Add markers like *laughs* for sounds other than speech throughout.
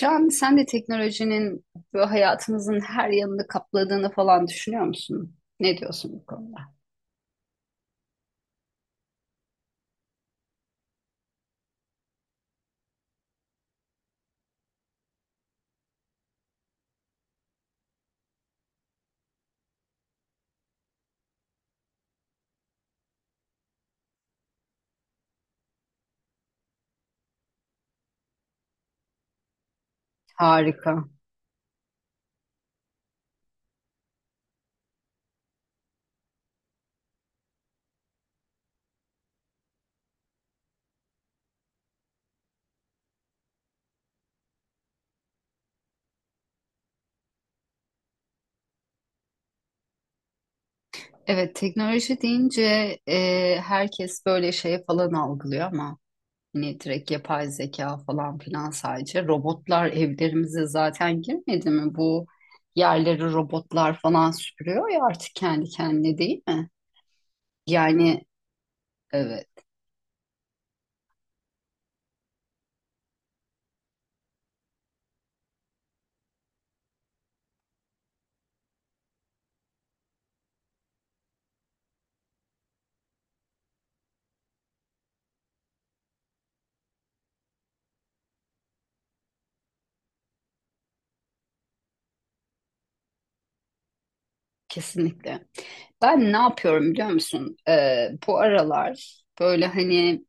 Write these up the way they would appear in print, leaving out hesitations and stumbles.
Can, sen de teknolojinin böyle hayatımızın her yanını kapladığını düşünüyor musun? Ne diyorsun bu konuda? Harika. Evet, teknoloji deyince e, herkes böyle şey algılıyor ama hani direkt yapay zeka falan filan sadece robotlar evlerimize zaten girmedi mi? Bu yerleri robotlar falan süpürüyor ya artık kendi kendine değil mi? Yani evet. Kesinlikle. Ben ne yapıyorum biliyor musun? Bu aralar böyle hani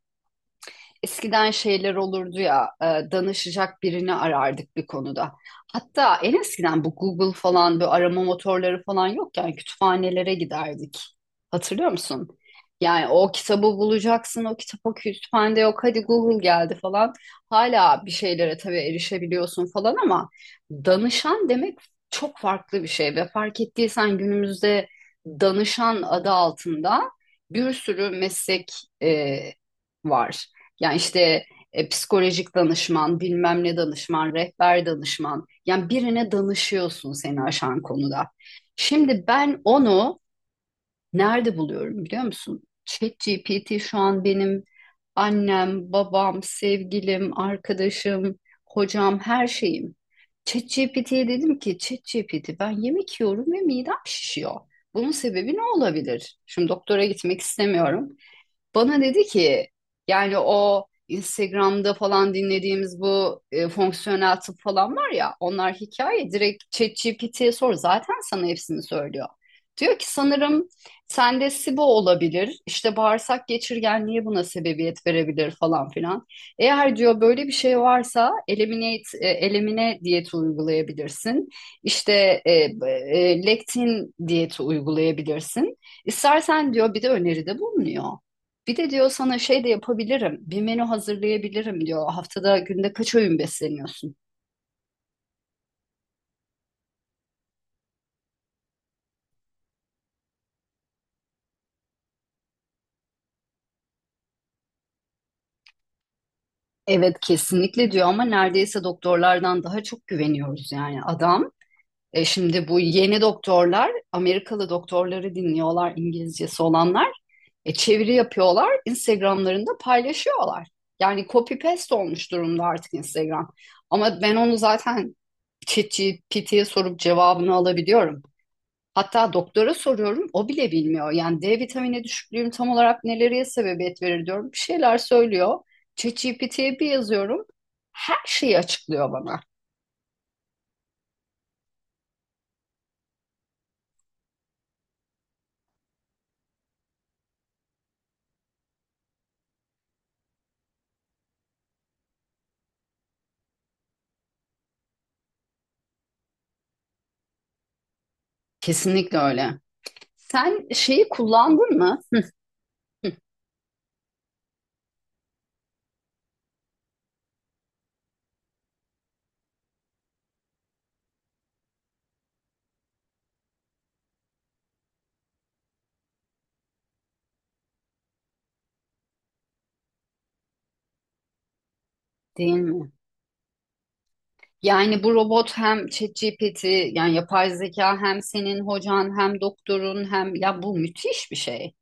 eskiden şeyler olurdu ya, danışacak birini arardık bir konuda. Hatta en eskiden bu Google falan böyle arama motorları falan yokken kütüphanelere giderdik. Hatırlıyor musun? Yani o kitabı bulacaksın, o kitap o kütüphanede yok, hadi Google geldi falan. Hala bir şeylere tabii erişebiliyorsun falan ama danışan demek çok farklı bir şey ve fark ettiysen günümüzde danışan adı altında bir sürü meslek e, var. Yani işte psikolojik danışman, bilmem ne danışman, rehber danışman. Yani birine danışıyorsun seni aşan konuda. Şimdi ben onu nerede buluyorum biliyor musun? ChatGPT şu an benim annem, babam, sevgilim, arkadaşım, hocam, her şeyim. ChatGPT'ye dedim ki ChatGPT ben yemek yiyorum ve midem şişiyor. Bunun sebebi ne olabilir? Şimdi doktora gitmek istemiyorum. Bana dedi ki yani o Instagram'da falan dinlediğimiz bu fonksiyonel tıp falan var ya onlar hikaye, direkt ChatGPT'ye sor zaten sana hepsini söylüyor. Diyor ki sanırım sende SIBO olabilir, işte bağırsak geçirgenliği buna sebebiyet verebilir falan filan. Eğer diyor böyle bir şey varsa elimine diyeti uygulayabilirsin. İşte lektin diyeti uygulayabilirsin. İstersen diyor bir de öneride bulunuyor. Bir de diyor sana şey de yapabilirim. Bir menü hazırlayabilirim diyor. Haftada günde kaç öğün besleniyorsun? Evet kesinlikle diyor ama neredeyse doktorlardan daha çok güveniyoruz yani adam. E şimdi bu yeni doktorlar Amerikalı doktorları dinliyorlar, İngilizcesi olanlar. E çeviri yapıyorlar, Instagram'larında paylaşıyorlar. Yani copy paste olmuş durumda artık Instagram. Ama ben onu zaten ChatGPT'ye sorup cevabını alabiliyorum. Hatta doktora soruyorum, o bile bilmiyor. Yani D vitamini düşüklüğüm tam olarak neleriye sebebiyet verir diyorum. Bir şeyler söylüyor. ChatGPT'ye bir yazıyorum. Her şeyi açıklıyor bana. Kesinlikle öyle. Sen şeyi kullandın mı? Hı. Değil mi? Yani bu robot hem ChatGPT yani yapay zeka hem senin hocan hem doktorun hem ya bu müthiş bir şey.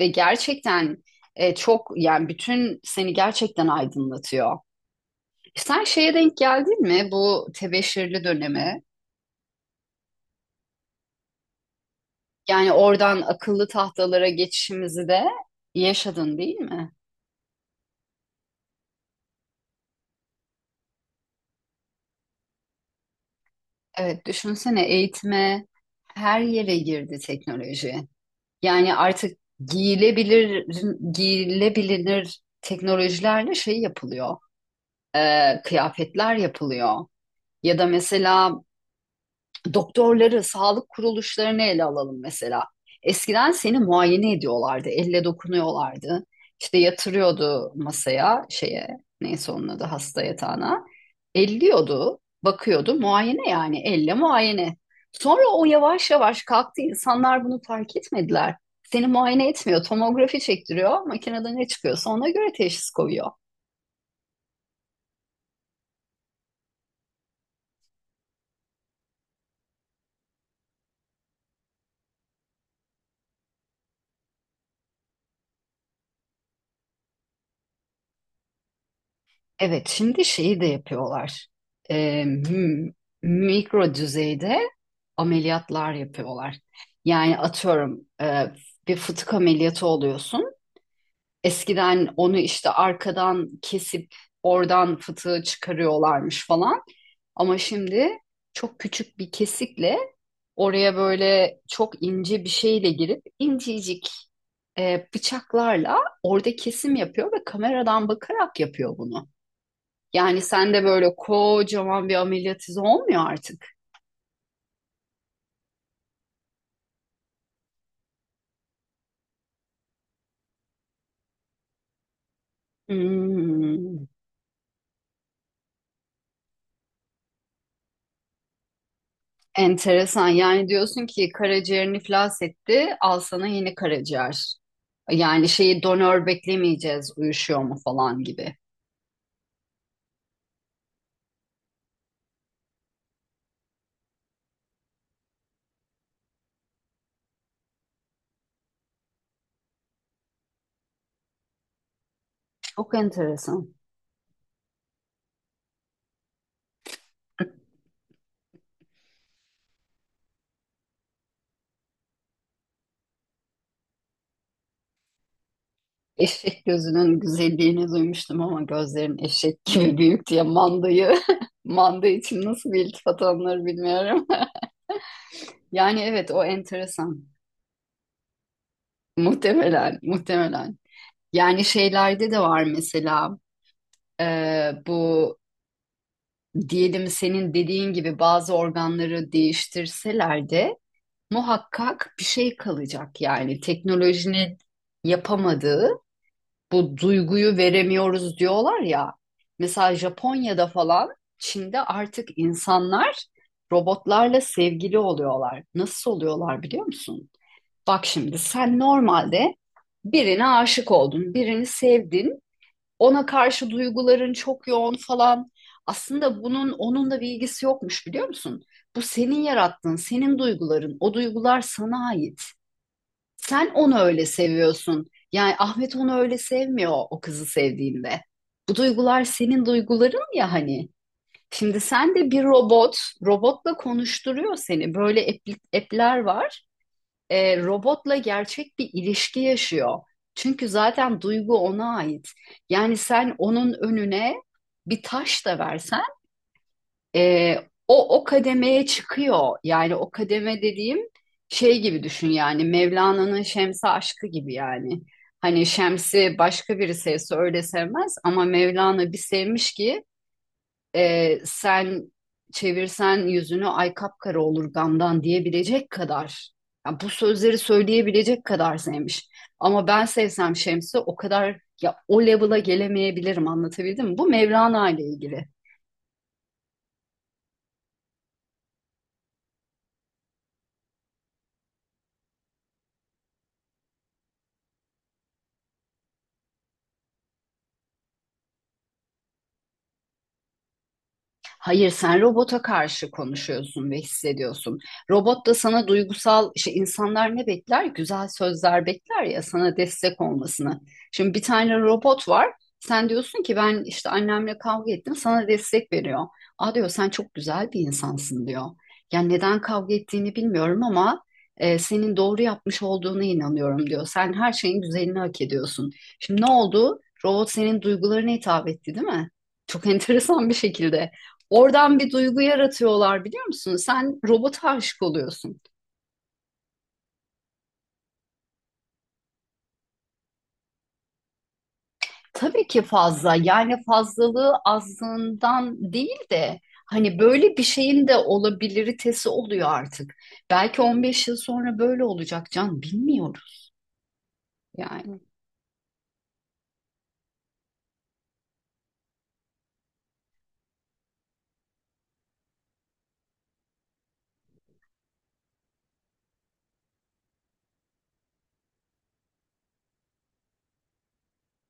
Ve gerçekten çok yani bütün seni gerçekten aydınlatıyor. Sen şeye denk geldin mi, bu tebeşirli dönemi? Yani oradan akıllı tahtalara geçişimizi de yaşadın değil mi? Evet, düşünsene eğitime her yere girdi teknoloji. Yani artık giyilebilir, giyilebilir teknolojilerle şey yapılıyor, kıyafetler yapılıyor. Ya da mesela doktorları, sağlık kuruluşlarını ele alalım mesela. Eskiden seni muayene ediyorlardı, elle dokunuyorlardı. İşte yatırıyordu masaya, şeye, neyse onun adı hasta yatağına. Elliyordu, bakıyordu, muayene yani, elle muayene. Sonra o yavaş yavaş kalktı, insanlar bunu fark etmediler. Seni muayene etmiyor, tomografi çektiriyor. Makinede ne çıkıyorsa ona göre teşhis koyuyor. Evet, şimdi şeyi de yapıyorlar. Ee, m- Mikro düzeyde ameliyatlar yapıyorlar. Yani atıyorum bir fıtık ameliyatı oluyorsun. Eskiden onu işte arkadan kesip oradan fıtığı çıkarıyorlarmış falan. Ama şimdi çok küçük bir kesikle oraya böyle çok ince bir şeyle girip incecik bıçaklarla orada kesim yapıyor ve kameradan bakarak yapıyor bunu. Yani sen de böyle kocaman bir ameliyat izi olmuyor artık. Hmm. Enteresan. Yani diyorsun ki karaciğerini iflas etti, al sana yeni karaciğer. Yani şeyi, donör beklemeyeceğiz, uyuşuyor mu falan gibi. Çok enteresan. Eşek gözünün güzelliğini duymuştum ama gözlerin eşek gibi *laughs* büyük diye mandayı, *laughs* manda için nasıl bir iltifat alınır bilmiyorum. *laughs* Yani evet o enteresan. Muhtemelen, muhtemelen. Yani şeylerde de var mesela, e, bu, diyelim senin dediğin gibi bazı organları değiştirseler de muhakkak bir şey kalacak. Yani teknolojinin yapamadığı bu duyguyu veremiyoruz diyorlar ya. Mesela Japonya'da falan, Çin'de artık insanlar robotlarla sevgili oluyorlar. Nasıl oluyorlar biliyor musun? Bak şimdi sen normalde birine aşık oldun, birini sevdin, ona karşı duyguların çok yoğun falan. Aslında bunun onunla bir ilgisi yokmuş biliyor musun? Bu senin yarattığın, senin duyguların. O duygular sana ait. Sen onu öyle seviyorsun. Yani Ahmet onu öyle sevmiyor o kızı sevdiğinde. Bu duygular senin duyguların ya hani. Şimdi sen de bir robot, robotla konuşturuyor seni. Böyle app'ler var, robotla gerçek bir ilişki yaşıyor. Çünkü zaten duygu ona ait. Yani sen onun önüne bir taş da versen, e, o kademeye çıkıyor. Yani o kademe dediğim, şey gibi düşün yani Mevlana'nın Şems'e aşkı gibi yani. Hani Şems'i başka biri sevse öyle sevmez ama Mevlana bir sevmiş ki sen çevirsen yüzünü ay kapkara olur gamdan diyebilecek kadar, yani bu sözleri söyleyebilecek kadar sevmiş. Ama ben sevsem Şems'i o kadar, ya o level'a gelemeyebilirim, anlatabildim mi? Bu Mevlana ile ilgili. Hayır, sen robota karşı konuşuyorsun ve hissediyorsun. Robot da sana duygusal, işte insanlar ne bekler? Güzel sözler bekler ya, sana destek olmasını. Şimdi bir tane robot var. Sen diyorsun ki ben işte annemle kavga ettim, sana destek veriyor. Aa diyor, sen çok güzel bir insansın diyor. Yani neden kavga ettiğini bilmiyorum ama senin doğru yapmış olduğuna inanıyorum diyor. Sen her şeyin güzelini hak ediyorsun. Şimdi ne oldu? Robot senin duygularına hitap etti, değil mi? Çok *laughs* enteresan bir şekilde. Oradan bir duygu yaratıyorlar biliyor musun? Sen robota aşık oluyorsun. Tabii ki fazla, yani fazlalığı azlığından değil de hani böyle bir şeyin de olabiliritesi oluyor artık. Belki 15 yıl sonra böyle olacak Can, bilmiyoruz yani.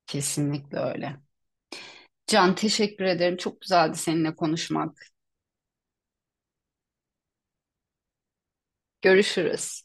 Kesinlikle öyle. Can teşekkür ederim. Çok güzeldi seninle konuşmak. Görüşürüz.